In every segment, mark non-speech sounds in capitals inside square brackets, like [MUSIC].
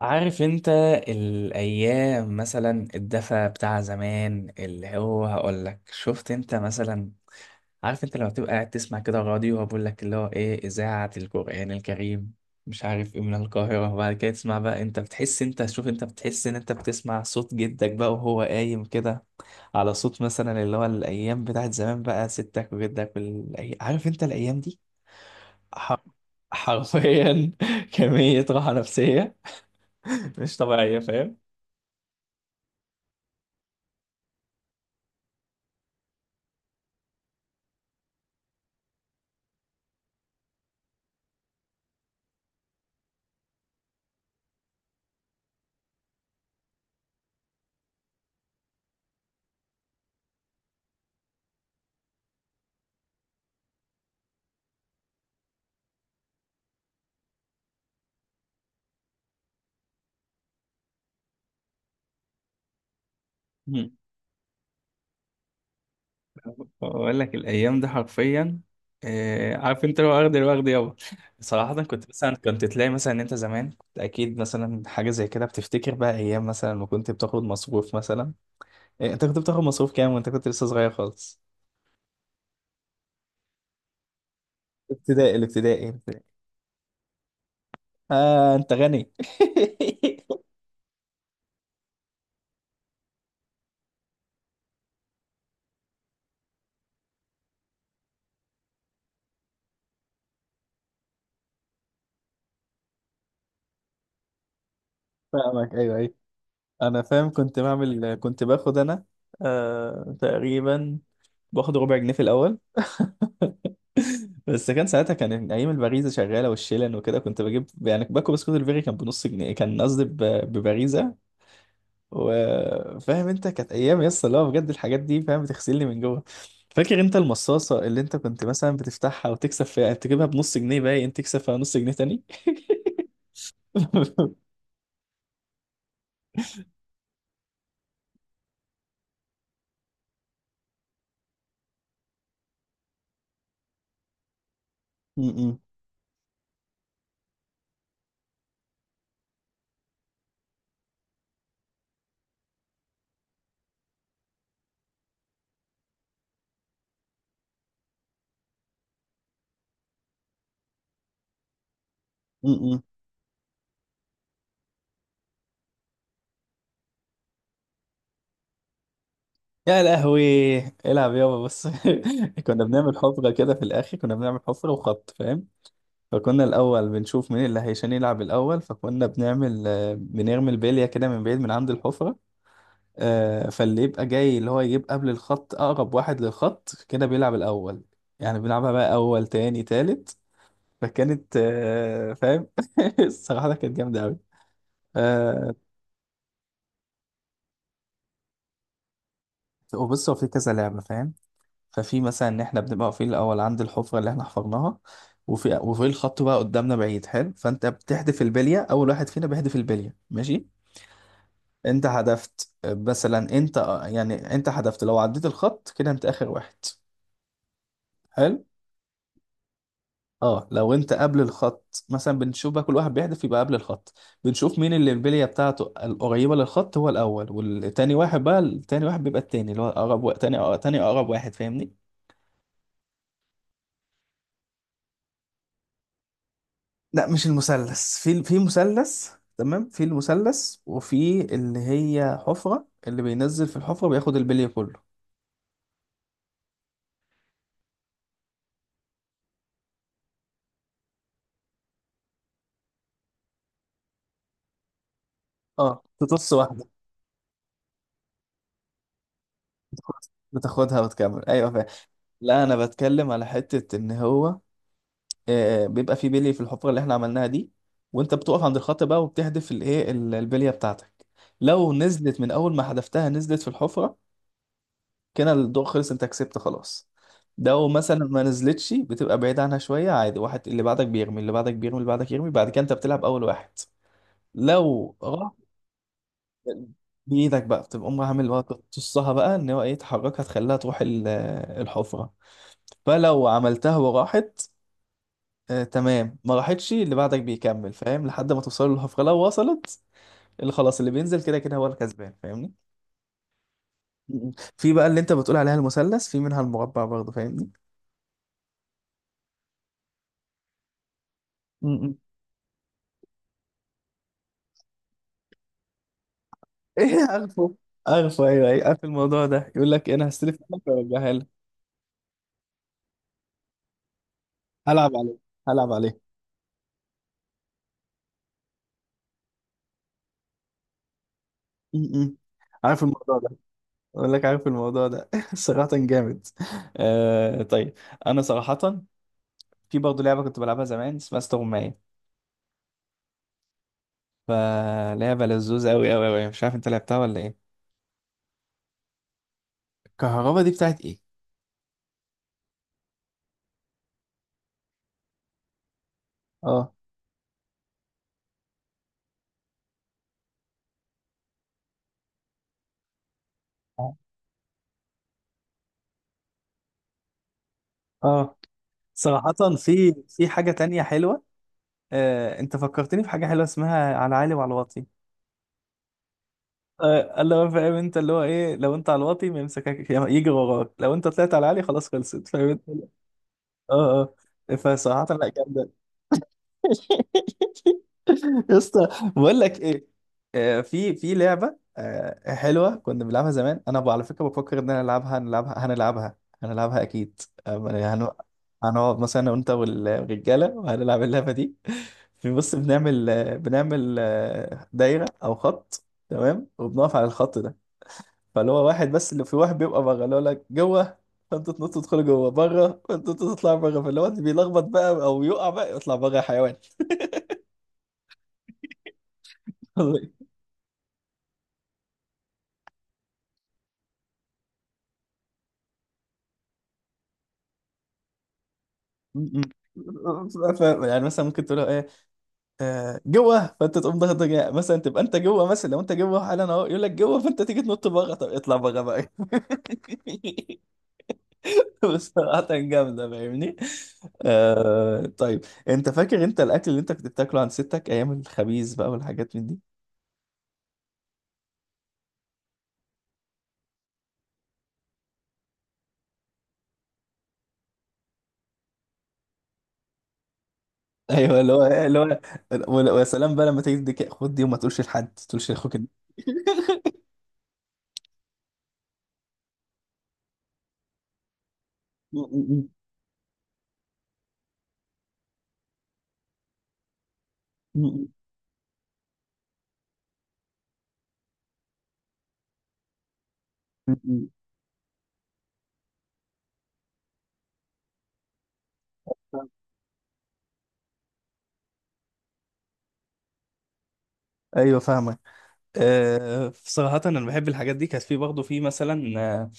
عارف انت الايام مثلا الدفى بتاع زمان اللي هو هقول لك شفت انت مثلا. عارف انت لما بتبقى قاعد تسمع كده راديو وبقول لك اللي هو ايه اذاعة القرآن الكريم مش عارف ايه من القاهرة. وبعد كده تسمع بقى، انت بتحس، انت شوف، انت بتحس ان انت بتسمع صوت جدك بقى وهو قايم كده على صوت مثلا اللي هو الايام بتاعت زمان بقى، ستك وجدك عارف انت الايام دي. حر- حرفيا [LAUGHS] كمية راحة نفسية مش طبيعية فاهم. مم. بقول لك الايام دي حرفيا. عارف انت لو واخد الوقت يابا. صراحه كنت مثلا، كنت تلاقي مثلا ان انت زمان كنت اكيد مثلا حاجه زي كده بتفتكر بقى ايام مثلا ما كنت بتاخد مصروف مثلا. إيه، انت كنت بتاخد مصروف كام وانت كنت لسه صغير خالص؟ ابتدائي الابتدائي الابتدائي. اه انت غني [LAUGHS] فاهمك، ايوه أيوه. انا فاهم، كنت باخد انا. آه تقريبا، باخد ربع جنيه في الاول [LAUGHS] بس كان ساعتها، كان ايام الباريزا شغاله والشيلن وكده، كنت بجيب يعني باكو بسكوت الفيري، كان بنص جنيه. كان قصدي بباريزا. وفاهم انت كانت ايام يس اللي هو بجد الحاجات دي فاهم بتغسلني من جوه. فاكر انت المصاصه اللي انت كنت مثلا بتفتحها وتكسب فيها، تجيبها بنص جنيه باين تكسب فيها نص جنيه تاني. [LAUGHS] م- م- م. يا لهوي العب يابا بص. [LAUGHS] كنا بنعمل حفرة كده في الآخر، كنا بنعمل حفرة وخط فاهم. فكنا الأول بنشوف مين اللي هيشان يلعب الأول، فكنا بنعمل، بنرمي البلية كده من بعيد من عند الحفرة. فاللي يبقى جاي اللي هو يجيب قبل الخط، أقرب واحد للخط كده بيلعب الأول. يعني بنلعبها بقى أول تاني تالت. فكانت، فاهم. [LAUGHS] الصراحة كانت جامدة أوي. آه، وبص، هو في كذا لعبة فاهم. ففي مثلا ان احنا بنبقى واقفين الاول عند الحفره اللي احنا حفرناها. وفي الخط بقى قدامنا بعيد، حلو، فانت بتحدف البليه، اول واحد فينا بيحدف البليه ماشي. انت حدفت، مثلا انت، يعني انت حدفت لو عديت الخط كده انت اخر واحد. حلو. اه لو انت قبل الخط مثلا، بنشوف بقى كل واحد بيحدف يبقى قبل الخط. بنشوف مين اللي البليه بتاعته القريبه للخط، هو الاول، والتاني واحد بقى، التاني واحد بيبقى التاني اللي هو اقرب تاني اقرب واحد فاهمني. لا مش المثلث، في مثلث. تمام، في المثلث وفي اللي هي حفرة، اللي بينزل في الحفرة بياخد البلي كله. اه تطص واحدة. بتاخد- بتاخدها وتكمل ايوه فاهم. لا انا بتكلم على حتة ان هو بيبقى في بلي في الحفرة اللي احنا عملناها دي. وانت بتقف عند الخط بقى وبتحدف الايه البلية بتاعتك. لو نزلت من اول ما حدفتها نزلت في الحفرة، كده الضوء خلص، انت كسبت خلاص. لو مثلا ما نزلتش، بتبقى بعيد عنها شويه عادي، واحد اللي بعدك بيرمي، اللي بعدك بيرمي، اللي بعدك يرمي، بعد كده انت بتلعب اول واحد لو راح. [LAUGHS] بايدك بقى، بتبقى امها عامل بقى، تقصها بقى ان هو ايه، تحركها تخليها تروح [HESITATION] الحفره. فلو عملتها وراحت، آه تمام. ما راحتش، اللي بعدك بيكمل فاهم، لحد ما توصل للحفره. لو وصلت، اللي خلاص اللي بينزل كده كده هو الكسبان فاهمني. م. في بقى اللي انت بتقول عليها المثلث، في منها المربع برضه فاهمني. م- م. [LAUGHS] ايه عارفه. عارفه ايوه ايوه، عارف الموضوع ده، يقول لك انا هستلف منك وارجعها لك. هلعب عليه، هلعب عليه. م- م. عارف الموضوع ده. اقول لك عارف الموضوع ده [LAUGHS] صراحة جامد. آه طيب. انا صراحة في برضه لعبة كنت بلعبها زمان اسمها استغماية، فلعبة لذوذة قوي قوي قوي. مش عارف انت لعبتها ولا ايه؟ الكهربا دي بتاعت ايه؟ اه. اه صراحة في في حاجة تانية حلوة. انت فكرتني في حاجة حلوة اسمها على عالي وعلى واطي. اللي هو فاهم انت اللي هو ايه، لو انت على الواطي ما يمسكك، يجري وراك، لو انت طلعت على العالي خلاص خلصت فاهم انت. اه. اه فصراحة لا جامدة. [LAUGHS] يا اسطى، بقول لك ايه. في في لعبة، حلوة كنا بنلعبها زمان، انا على فكرة بفكر ان انا العبها، هنلعبها اكيد. يعني هنقعد مثلا انا وانت والرجالة وهنلعب اللعبة دي. في بص بنعمل دايرة او خط. تمام وبنقف على الخط ده. فاللي هو واحد بس، اللي في واحد بيبقى بره، اللي هو لك جوه. فانتوا تنطوا تدخلوا جوه بره، فانتوا تطلعوا بره، فاللي هو اللي بيلخبط بقى او يقع بقى يطلع بره يا حيوان. [LAUGHS] م- م. يعني مثلا ممكن تقول له ايه؟ جوه، فانت تقوم ضغط، مثلا تبقى انت جوه، مثلا لو انت جوه حالا اهو يقول لك جوه فانت تيجي تنط بره، طب اطلع بره بقى. [LAUGHS] بصراحة جامدة فاهمني. آه طيب. انت فاكر انت الاكل اللي انت كنت بتاكله عند ستك ايام الخبيز بقى والحاجات من دي. ايوه اللي هو ويا سلام بقى لما تيجي تديك خد دي وما تقولش لحد، ما تقولش لاخوك ايوه فاهمك. أه صراحة انا بحب الحاجات دي. كانت في برضه، في مثلا،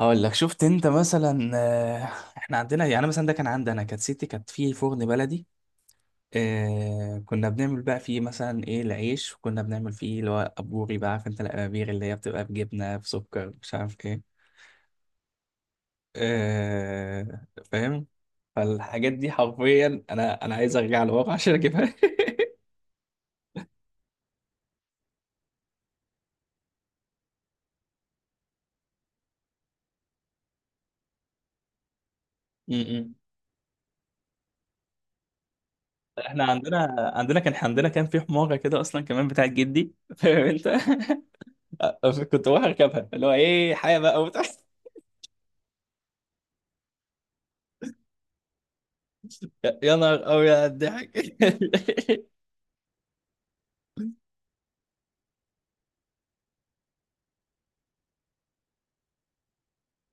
هقول لك شفت انت مثلا، احنا عندنا يعني مثلا، ده كان عندي انا، كانت ستي كانت في فرن بلدي. أه كنا بنعمل بقى فيه مثلا ايه، العيش، وكنا بنعمل فيه اللي هو ابوري بقى، عارف انت الابابير اللي هي بتبقى بجبنة بسكر مش عارف إيه. آه فاهم. فالحاجات دي حرفيا، انا عايز ارجع لورا عشان اجيبها [LAUGHS] م-م. احنا عندنا كان عندنا، كان في حماره كده اصلا كمان بتاعت جدي فاهم انت [LAUGHS] كنت بروح اركبها اللي هو ايه حاجه بقى وبتاع [LAUGHS] يا نهار أوي على الضحك.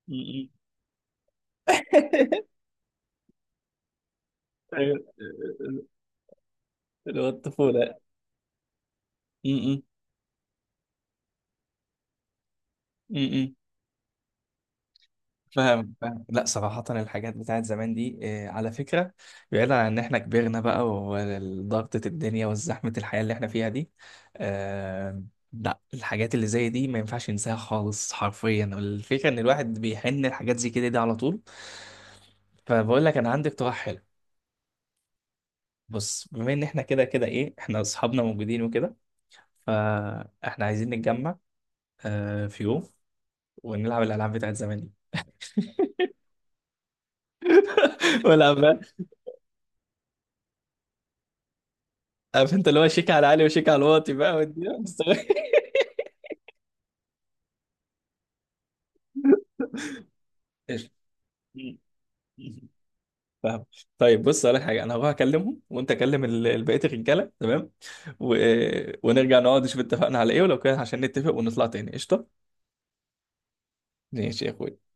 [LAUGHS] م-م. [LAUGHS] اللي هو الطفوله. م-م. م-م. فاهم فاهم. لا صراحة الحاجات بتاعت زمان دي، على فكرة بعيدا عن ان احنا كبرنا بقى وضغطة الدنيا وزحمة الحياة اللي احنا فيها دي، آه، لا الحاجات اللي زي دي ما ينفعش ينساها خالص حرفيا. الفكرة ان الواحد بيحن الحاجات زي كده دي على طول. فبقول لك انا عندي اقتراح حلو. بص، بما ان احنا كده كده ايه، احنا اصحابنا موجودين وكده، فاحنا عايزين نتجمع في يوم ونلعب الالعاب بتاعت زمان دي. [LAUGHS] والعب. عارف انت اللي هو شيك على علي وشيك على الواطي بقى والدنيا مستوية. قشطة. [LAUGHS] فاهم. طيب بص اقول لك حاجه، انا هروح اكلمهم وانت كلم بقيه الرجاله تمام. و... ونرجع نقعد نشوف اتفقنا على ايه ولو كده، عشان نتفق ونطلع تاني. قشطه. ماشي يا اخوي.